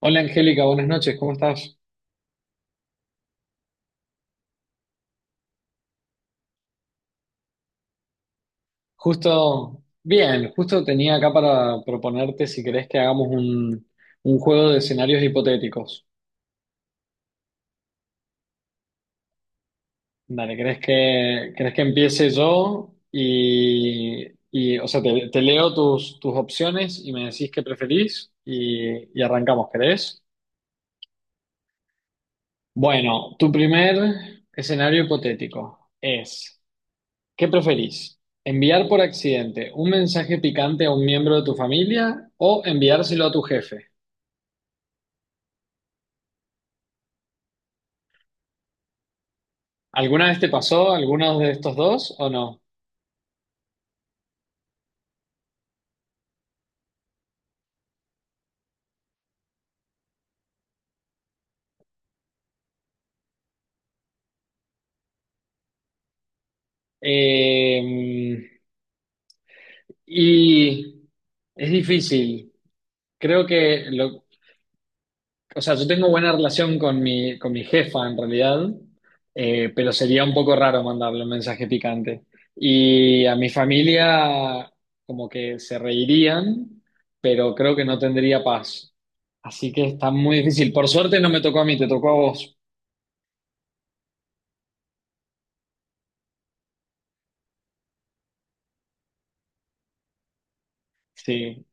Hola Angélica, buenas noches, ¿cómo estás? Justo, bien, justo tenía acá para proponerte si querés que hagamos un juego de escenarios hipotéticos. Dale, querés que empiece yo? O sea, te leo tus opciones y me decís qué preferís y arrancamos, ¿querés? Bueno, tu primer escenario hipotético es... ¿Qué preferís? ¿Enviar por accidente un mensaje picante a un miembro de tu familia o enviárselo a tu jefe? ¿Alguna vez te pasó alguno de estos dos o no? Eh, y es difícil. Creo que lo, o sea, yo tengo buena relación con con mi jefa en realidad, pero sería un poco raro mandarle un mensaje picante. Y a mi familia como que se reirían, pero creo que no tendría paz. Así que está muy difícil. Por suerte no me tocó a mí, te tocó a vos. Sí,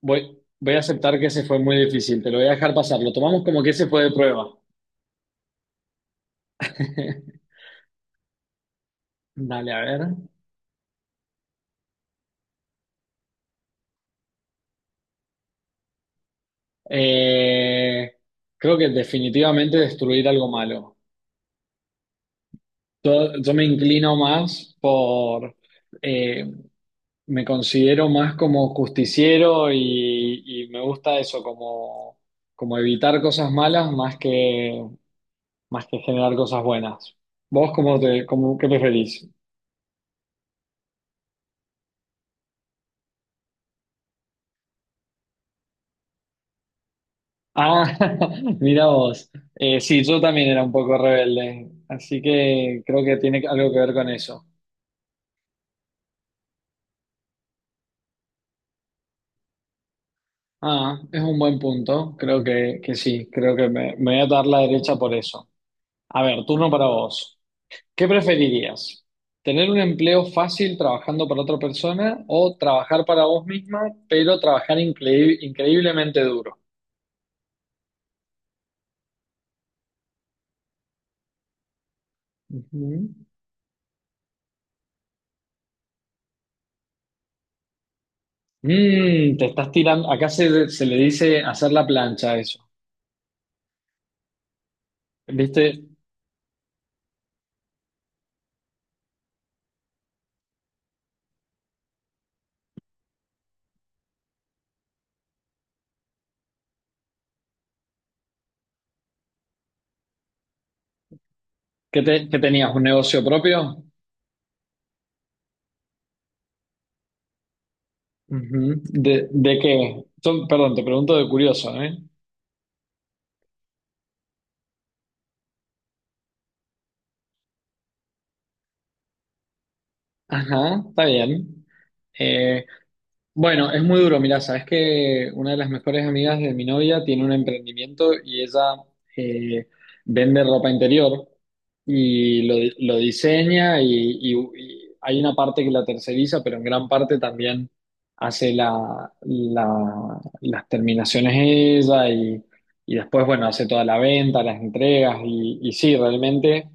voy a aceptar que ese fue muy difícil, te lo voy a dejar pasar. Lo tomamos como que ese fue de prueba. Dale, a ver. Eh, Creo que definitivamente destruir algo malo. Yo me inclino más por, eh, me considero más como justiciero y me gusta eso, como, como evitar cosas malas más más que generar cosas buenas. ¿Vos cómo te, cómo, qué preferís? Ah, mira vos. Sí, yo también era un poco rebelde, así que creo que tiene algo que ver con eso. Ah, es un buen punto, creo que sí, creo que me voy a dar la derecha por eso. A ver, turno para vos. ¿Qué preferirías? ¿Tener un empleo fácil trabajando para otra persona o trabajar para vos misma, pero trabajar increíblemente duro? Ujú. Mm, te estás tirando, acá se le dice hacer la plancha a eso. ¿Viste que, te- que tenías un negocio propio? Ujú. De qué? Yo, perdón, te pregunto de curioso, ¿eh? Ajá, está bien. Eh, Bueno, es muy duro, mirá, sabes que una de las mejores amigas de mi novia tiene un emprendimiento y ella eh, vende ropa interior y lo, di- lo diseña y hay una parte que la terceriza, pero en gran parte también hace la, la- las terminaciones ella y después, bueno, hace toda la venta, las entregas y sí, realmente.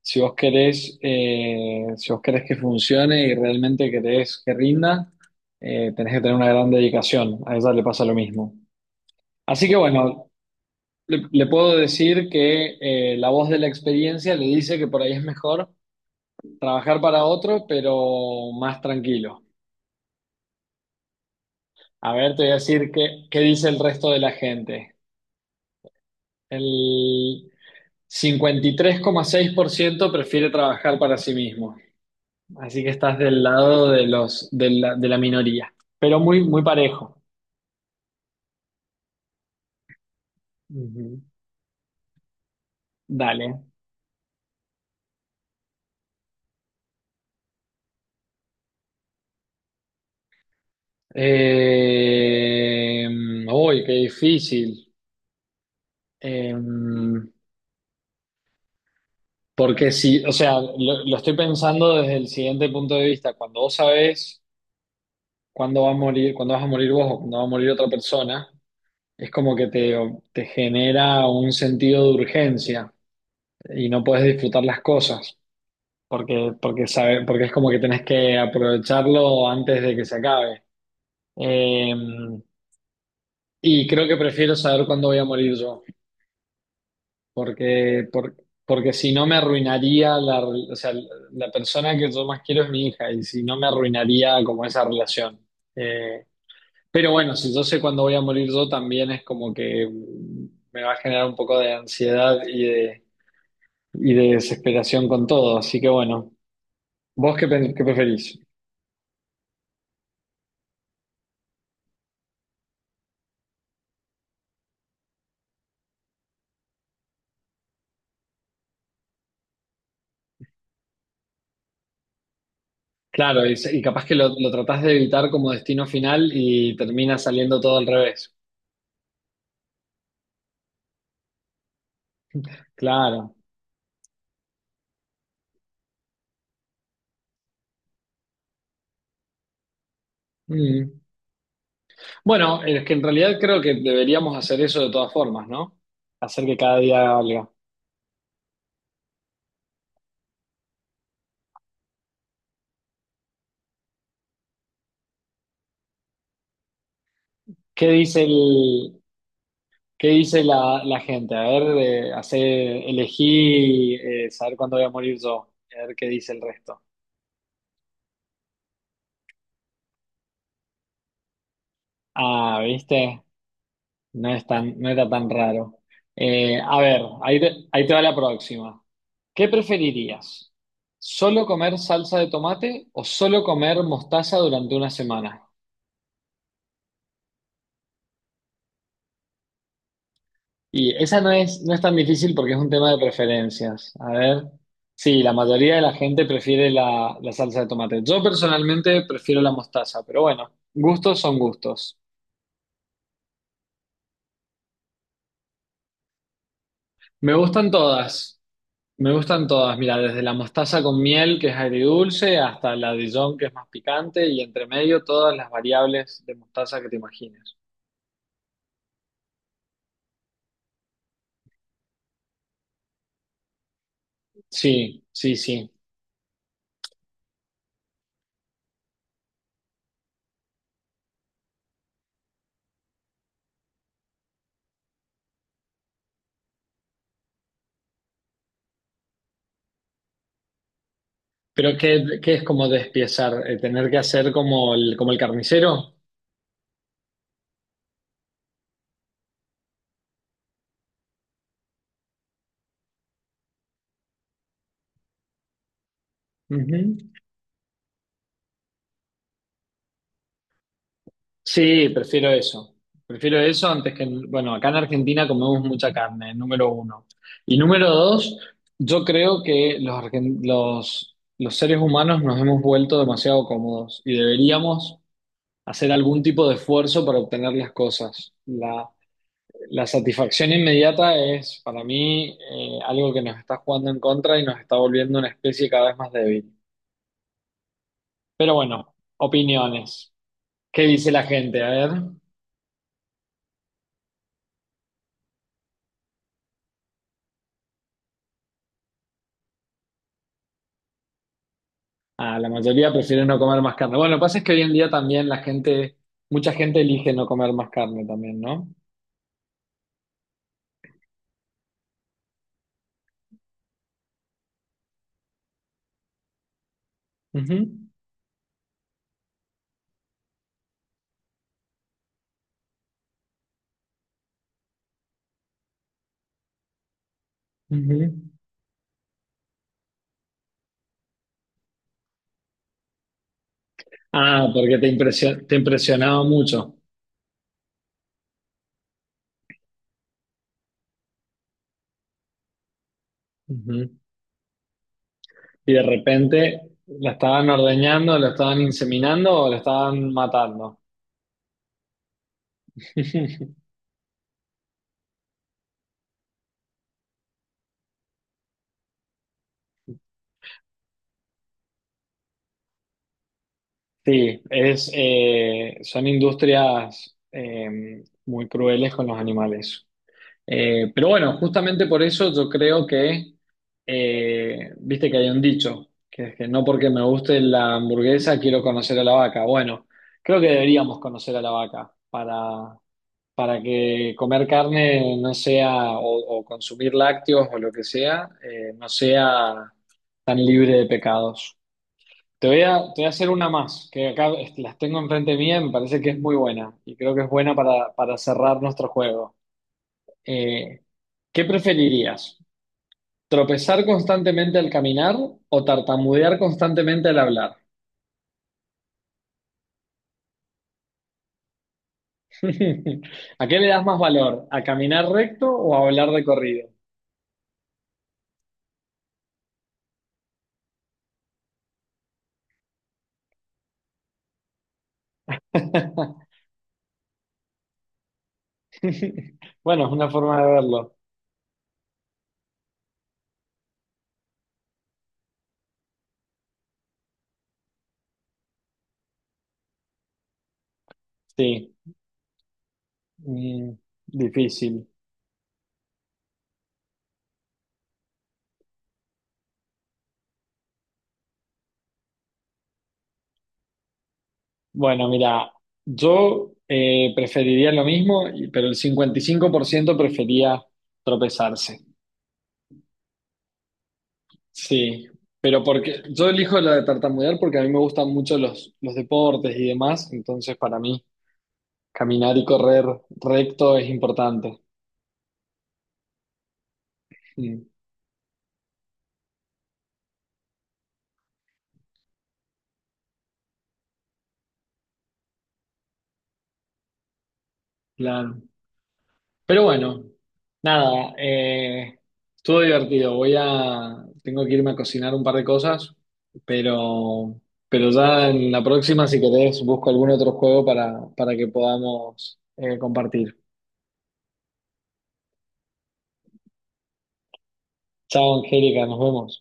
Si vos querés, si vos querés que funcione y realmente querés que rinda, tenés que tener una gran dedicación. A ella le pasa lo mismo. Así que bueno, le puedo decir que la voz de la experiencia le dice que por ahí es mejor trabajar para otro, pero más tranquilo. A ver, te voy a decir qué, qué dice el resto de la gente. El 53,6% prefiere trabajar para sí mismo. Así que estás del lado de la minoría, pero muy, muy parejo. Ujú. Dale. Eh, uy, qué difícil. Eh, Porque si, o sea, lo estoy pensando desde el siguiente punto de vista. Cuando vos sabés cuándo va a morir, cuándo vas a morir vos o cuándo va a morir otra persona, es como que te genera un sentido de urgencia y no puedes disfrutar las cosas. Porque es como que tenés que aprovecharlo antes de que se acabe. Eh, y creo que prefiero saber cuándo voy a morir yo, porque, por- porque si no me arruinaría la, re- o sea, la persona que yo más quiero es mi hija, y si no me arruinaría como esa relación. Eh, pero bueno, si yo sé cuándo voy a morir yo, también es como que me va a generar un poco de ansiedad y de desesperación con todo. Así que bueno, ¿vos qué, pe- qué preferís? Claro, y capaz que lo tratás de evitar como destino final y termina saliendo todo al revés. Claro. Mm. Bueno, es que en realidad creo que deberíamos hacer eso de todas formas, ¿no? Hacer que cada día valga. ¿Qué dice qué dice la gente? A ver, elegí saber cuándo voy a morir yo. A ver qué dice el resto. Ah, ¿viste? No es no era tan raro. A ver, ahí te va la próxima. ¿Qué preferirías? ¿Solo comer salsa de tomate o solo comer mostaza durante una semana? Y esa no no es tan difícil porque es un tema de preferencias. A ver, sí, la mayoría de la gente prefiere la salsa de tomate. Yo personalmente prefiero la mostaza, pero bueno, gustos son gustos. Me gustan todas. Me gustan todas, mira, desde la mostaza con miel, que es agridulce, hasta la Dijon, que es más picante, y entre medio todas las variables de mostaza que te imagines. Sí, sí, sí. Pero ¿qué, qué es como despiezar? ¿Tener que hacer como como el carnicero? Ujú. Sí, prefiero eso. Prefiero eso antes que, bueno, acá en Argentina comemos mucha carne, número uno. Y número dos, yo creo que los seres humanos nos hemos vuelto demasiado cómodos y deberíamos hacer algún tipo de esfuerzo para obtener las cosas. La satisfacción inmediata es para mí algo que nos está jugando en contra y nos está volviendo una especie cada vez más débil. Pero bueno, opiniones. ¿Qué dice la gente? A ver, ah, la mayoría prefiere no comer más carne. Bueno, lo que pasa es que hoy en día también mucha gente elige no comer más carne también, ¿no? Ujú, ujú. Ah, porque te impresionaba mucho. Ujú. Y de repente la estaban ordeñando, la estaban inseminando o la estaban matando. Sí, son industrias muy crueles con los animales. Pero bueno, justamente por eso yo creo que viste que hay un dicho, que es que no porque me guste la hamburguesa quiero conocer a la vaca. Bueno, creo que deberíamos conocer a la vaca para que comer carne no sea, o consumir lácteos o lo que sea, no sea tan libre de pecados. Te voy a hacer una más, que acá est- las tengo enfrente mía, me parece que es muy buena y creo que es buena para cerrar nuestro juego. Eh, ¿Qué preferirías? ¿Tropezar constantemente al caminar o tartamudear constantemente al hablar? ¿A qué le das más valor? ¿A caminar recto o a hablar de corrido? Bueno, es una forma de verlo. Sí, mm, difícil. Bueno, mira, yo preferiría lo mismo, y- pero el 55% prefería tropezarse. Sí, pero porque yo elijo la de tartamudear porque a mí me gustan mucho los deportes y demás, entonces para mí caminar y correr recto es importante. Mm, claro. Pero bueno, nada, estuvo divertido. Voy a, tengo que irme a cocinar un par de cosas, pero, pero ya en la próxima, si querés, busco algún otro juego para que podamos compartir. Chao, Angélica, nos vemos.